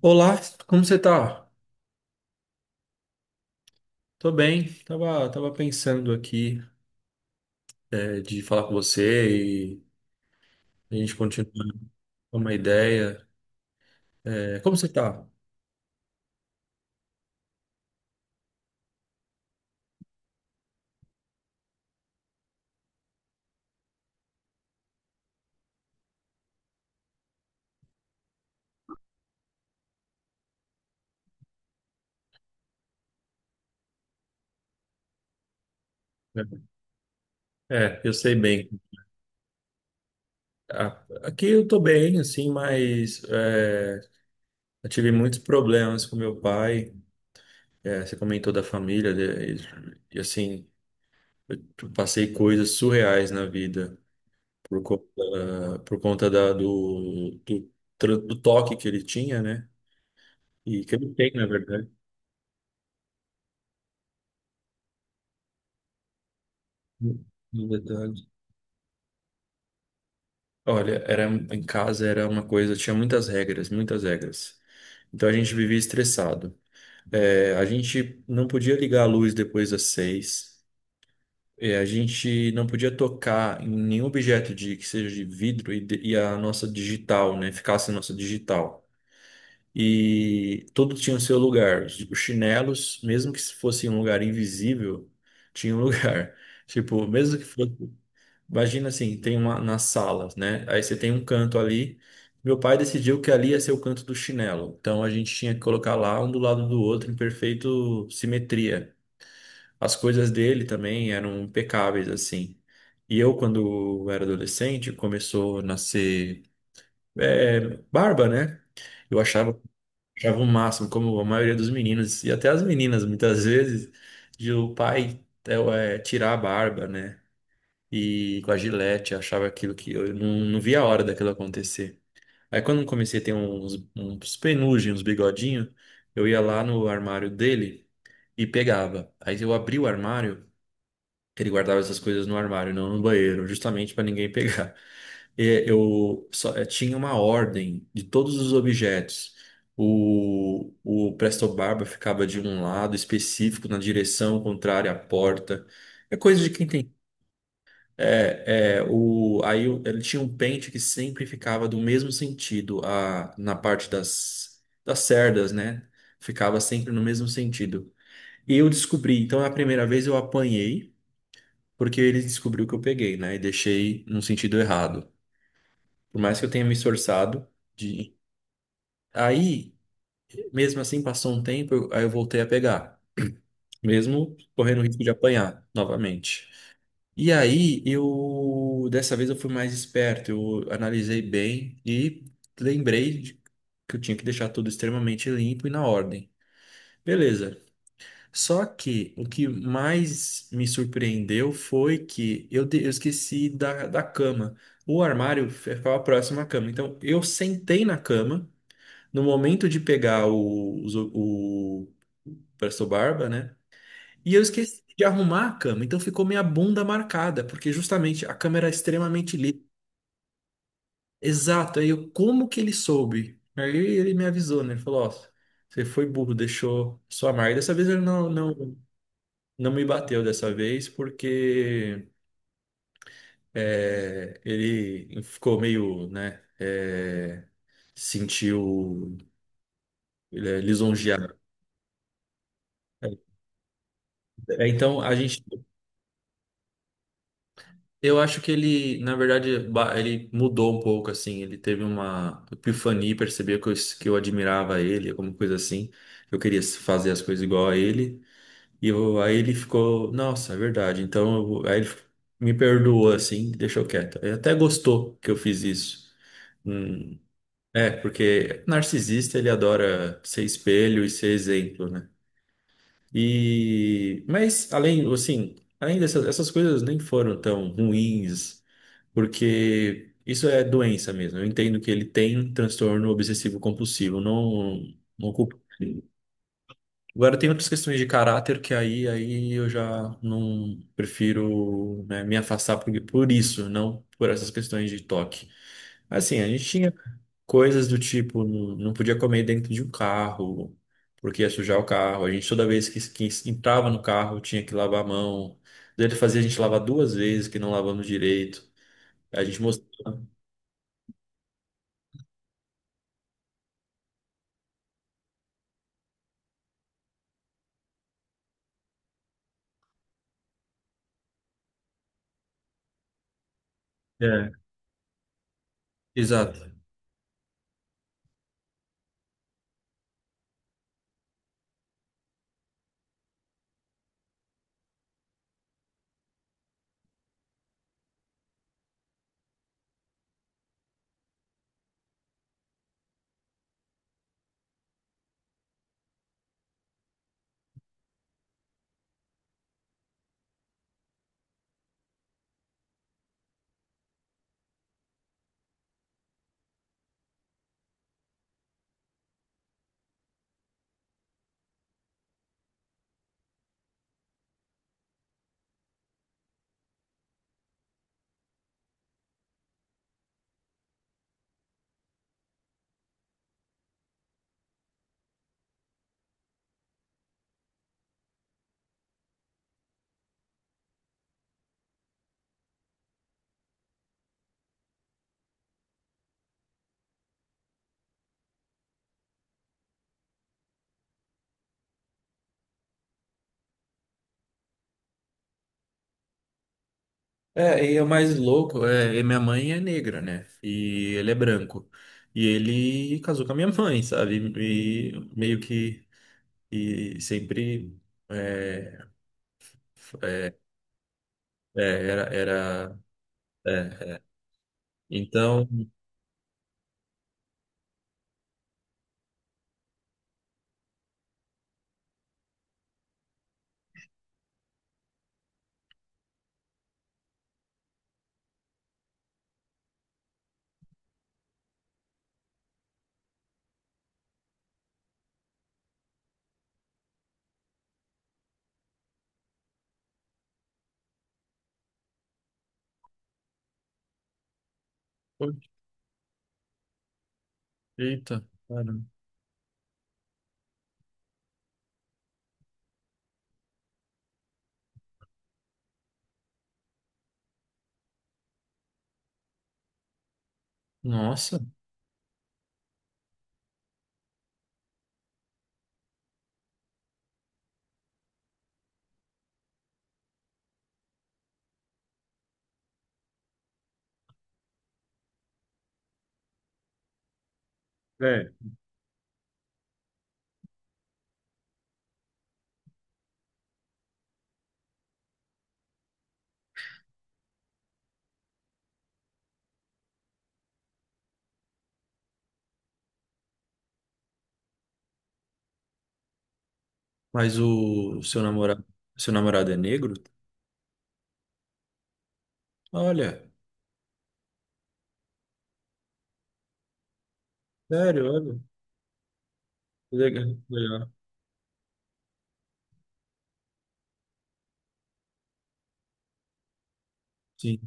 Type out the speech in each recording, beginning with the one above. Olá, como você tá? Tô bem, tava pensando aqui, de falar com você e a gente continuar com uma ideia. É, como você tá? É, eu sei bem. Aqui eu tô bem, assim, mas eu tive muitos problemas com meu pai. É, você comentou da família, né, assim, eu passei coisas surreais na vida por conta do toque que ele tinha, né? E que ele tem, na verdade. No no detalhe. Olha, era em casa era uma coisa, tinha muitas regras, muitas regras. Então a gente vivia estressado. É, a gente não podia ligar a luz depois das seis. É, a gente não podia tocar em nenhum objeto de que seja de vidro e a nossa digital, né, ficasse a nossa digital. E tudo tinha o seu lugar. Os chinelos, mesmo que fosse em um lugar invisível, tinha um lugar. Tipo, mesmo que fosse imagina assim, tem uma na sala, né? Aí você tem um canto ali. Meu pai decidiu que ali ia ser o canto do chinelo. Então a gente tinha que colocar lá um do lado do outro em perfeito simetria. As coisas dele também eram impecáveis assim. E eu, quando era adolescente, começou a nascer, é, barba, né? Eu achava, achava o máximo, como a maioria dos meninos e até as meninas muitas vezes, de o pai, tirar a barba, né? E com a Gillette, achava aquilo que eu não via a hora daquilo acontecer. Aí quando eu comecei a ter uns penugem, uns bigodinhos, eu ia lá no armário dele e pegava. Aí eu abri o armário, que ele guardava essas coisas no armário, não no banheiro, justamente para ninguém pegar. E eu só eu tinha uma ordem de todos os objetos. O Presto Barba ficava de um lado específico, na direção contrária à porta. É coisa de quem tem. Ele tinha um pente que sempre ficava do mesmo sentido, na parte das cerdas, né? Ficava sempre no mesmo sentido. E eu descobri, então, é a primeira vez eu apanhei, porque ele descobriu que eu peguei, né? E deixei no sentido errado. Por mais que eu tenha me esforçado de. Aí, mesmo assim, passou um tempo, aí eu voltei a pegar, mesmo correndo o risco de apanhar novamente. E aí, eu dessa vez eu fui mais esperto, eu analisei bem e lembrei de- que eu tinha que deixar tudo extremamente limpo e na ordem. Beleza. Só que o que mais me surpreendeu foi que eu esqueci da cama. O armário ficava próximo à cama. Então, eu sentei na cama. No momento de pegar o presto barba, né? E eu esqueci de arrumar a cama, então ficou minha bunda marcada, porque justamente a cama era extremamente lisa. Exato, como que ele soube? Aí ele me avisou, né? Ele falou, ó, você foi burro, deixou sua marca. Dessa vez ele não me bateu dessa vez, porque, ele ficou meio, né, sentiu, lisonjeado. É, Então a gente Eu acho que ele, na verdade, ele mudou um pouco, assim. Ele teve uma epifania, percebeu que eu admirava ele, alguma coisa assim. Eu queria fazer as coisas igual a ele. Aí ele ficou, nossa, é verdade. Então, aí ele me perdoou, assim, deixou quieto. Ele até gostou que eu fiz isso. Hum, porque narcisista, ele adora ser espelho e ser exemplo, né? E, mas, além dessas essas coisas nem foram tão ruins, porque isso é doença mesmo. Eu entendo que ele tem transtorno obsessivo compulsivo, não culpo ele. Agora tem outras questões de caráter que aí eu já não prefiro, né, me afastar por isso, não por essas questões de toque. Assim, a gente tinha coisas do tipo, não podia comer dentro de um carro, porque ia sujar o carro. A gente toda vez que entrava no carro tinha que lavar a mão. Ele fazia a gente lavar duas vezes, que não lavamos direito. A gente mostrava. Exato. É, e é o mais louco, e minha mãe é negra, né? E ele é branco. E ele casou com a minha mãe, sabe? E meio que, e sempre, é, é, é, era, era é. Então, poxa, eita, caramba. Nossa. É. Mas o seu namorado é negro? Olha, sério, olha. Legal, legal. Sim,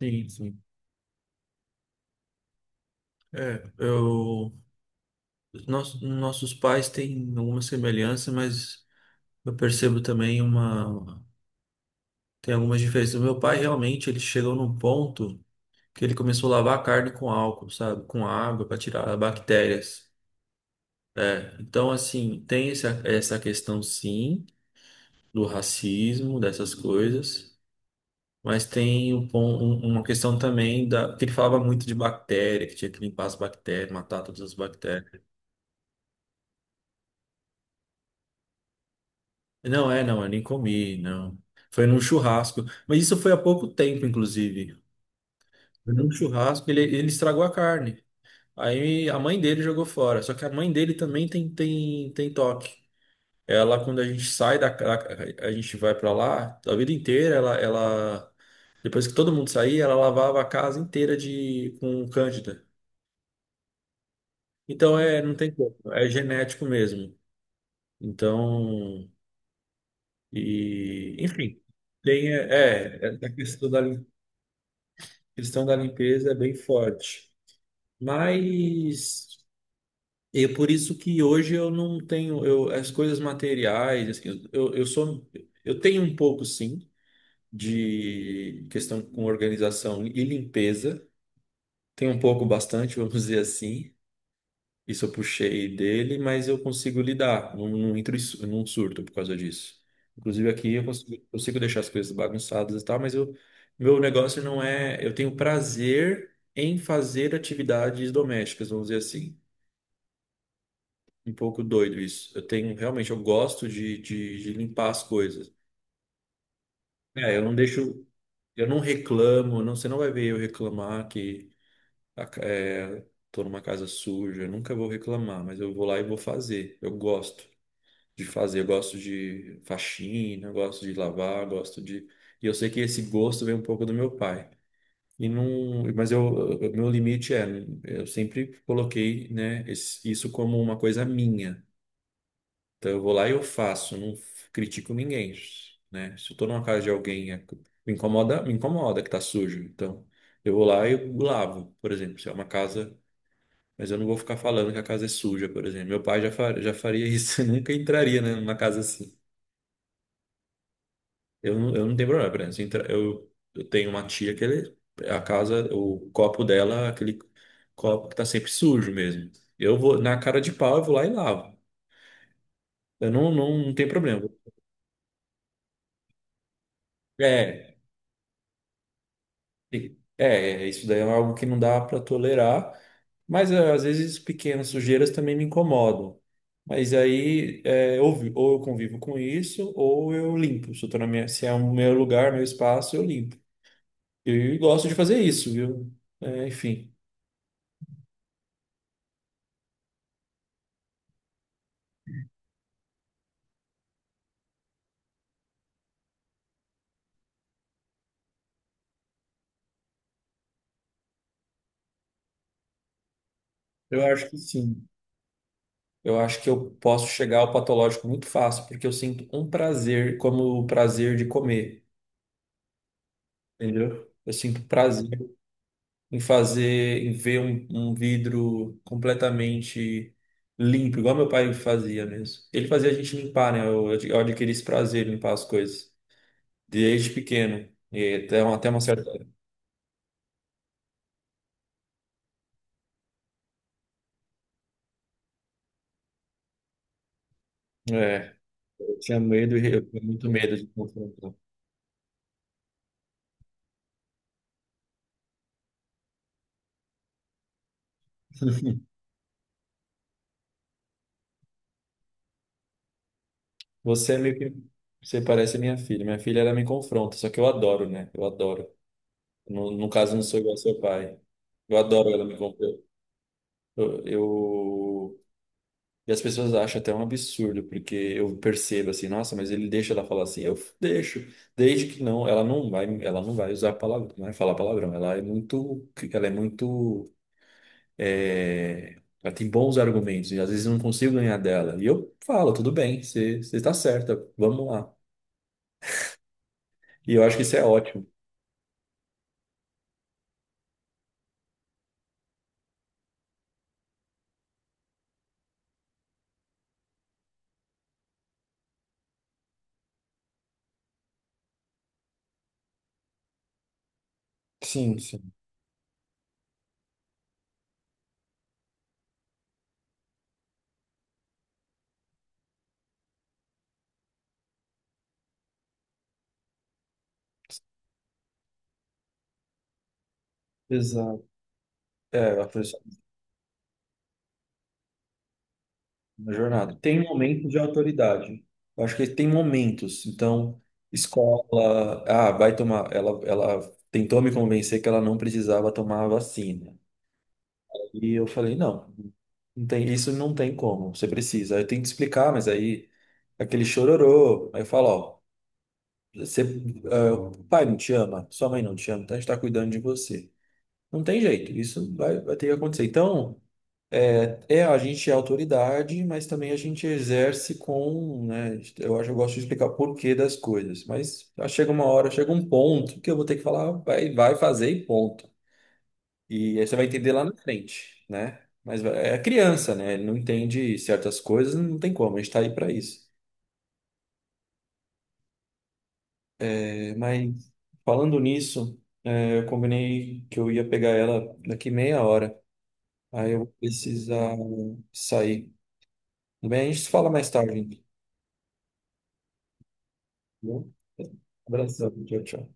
sim, sim. É, nossos pais têm alguma semelhança, mas eu percebo também uma. Tem algumas diferenças. Meu pai realmente ele chegou num ponto que ele começou a lavar a carne com álcool, sabe? Com água para tirar bactérias. É, então, assim, tem essa questão, sim, do racismo, dessas coisas, mas tem uma questão também da, que ele falava muito de bactéria, que tinha que limpar as bactérias, matar todas as bactérias. Não, É, não, eu nem comi, não. Foi num churrasco. Mas isso foi há pouco tempo, inclusive. Foi num churrasco, ele estragou a carne. Aí a mãe dele jogou fora. Só que a mãe dele também tem toque. Ela, quando a gente sai a gente vai pra lá, a vida inteira, ela, depois que todo mundo saía, ela lavava a casa inteira de, com cândida. Então, não tem como, é genético mesmo. Então, enfim, é a questão da limpeza é bem forte. Mas é por isso que hoje eu não tenho eu, as coisas materiais, assim, eu tenho um pouco, sim, de questão com organização e limpeza, tenho um pouco, bastante, vamos dizer assim. Isso eu puxei dele, mas eu consigo lidar, não entro em num surto por causa disso. Inclusive aqui eu consigo deixar as coisas bagunçadas e tal, mas eu, meu negócio não é. Eu tenho prazer em fazer atividades domésticas, vamos dizer assim. Um pouco doido isso. Eu tenho, realmente, eu gosto de limpar as coisas. É, eu não deixo. Eu não reclamo, não, você não vai ver eu reclamar que a ca- é, tô numa casa suja, eu nunca vou reclamar, mas eu vou lá e vou fazer. Eu gosto de fazer. Eu gosto de faxina, eu gosto de lavar, eu gosto de. E eu sei que esse gosto vem um pouco do meu pai. E não, mas meu limite é, eu sempre coloquei, né, isso como uma coisa minha. Então eu vou lá e eu faço, não f- critico ninguém, né? Se eu tô numa casa de alguém, me incomoda que tá sujo. Então eu vou lá e eu lavo, por exemplo, se é uma casa, mas eu não vou ficar falando que a casa é suja, por exemplo. Meu pai já, já faria isso, nunca entraria, né, numa casa assim. Eu, eu não tenho problema, por exemplo, se entra- eu, tenho uma tia que ele, a casa, o copo dela, é aquele copo que tá sempre sujo mesmo. Eu vou, na cara de pau, eu vou lá e lavo. Eu não tenho problema. É, isso daí é algo que não dá para tolerar, mas é, às vezes pequenas sujeiras também me incomodam. Mas aí, ou eu convivo com isso, ou eu limpo. Se, Eu tô na minha, se é o meu lugar, meu espaço, eu limpo. Eu gosto de fazer isso, viu? É, enfim. Eu acho que sim. Eu acho que eu posso chegar ao patológico muito fácil, porque eu sinto um prazer como o prazer de comer, entendeu? Eu sinto prazer em fazer, em ver um vidro completamente limpo, igual meu pai fazia mesmo. Ele fazia a gente limpar, né? Eu adquiri esse prazer em limpar as coisas desde pequeno. E até, até uma certa. É, eu tinha muito medo de confrontar. Você é meio que. Você parece minha filha. Minha filha, ela me confronta, só que eu adoro, né? Eu adoro. No caso, eu não sou igual ao seu pai. Eu adoro ela me confrontar. Eu, eu- E as pessoas acham até um absurdo, porque eu percebo assim, nossa, mas ele deixa ela falar assim. Eu deixo. Desde que não, ela não vai usar palavrão, não vai falar palavrão. Ela é muito. Ela é muito. é, Ela tem bons argumentos e às vezes eu não consigo ganhar dela. E eu falo, tudo bem, você está certa, vamos lá. E eu acho que isso é ótimo. Sim, sim. Exato. É, a pressão na jornada. Tem momentos de autoridade. Eu acho que tem momentos. Então, escola, ah, vai tomar. Ela tentou me convencer que ela não precisava tomar a vacina. E eu falei, não, não tem, isso não tem como. Você precisa. Aí eu tenho que explicar, mas aí aquele chororô. Aí eu falo, ó, você, ah, o pai não te ama, sua mãe não te ama, então a gente tá cuidando de você. Não tem jeito. Isso vai ter que acontecer. Então. É, a gente é autoridade, mas também a gente exerce com, né? Eu acho, eu gosto de explicar o porquê das coisas, mas chega uma hora, chega um ponto que eu vou ter que falar, vai fazer e ponto. E aí você vai entender lá na frente, né? Mas é criança, né? Ele não entende certas coisas, não tem como, a gente tá aí para isso. É, mas falando nisso, é, eu combinei que eu ia pegar ela daqui meia hora. Aí eu vou precisar sair. Tudo bem, a gente se fala mais tarde, então. Viu? Abração, tchau, tchau.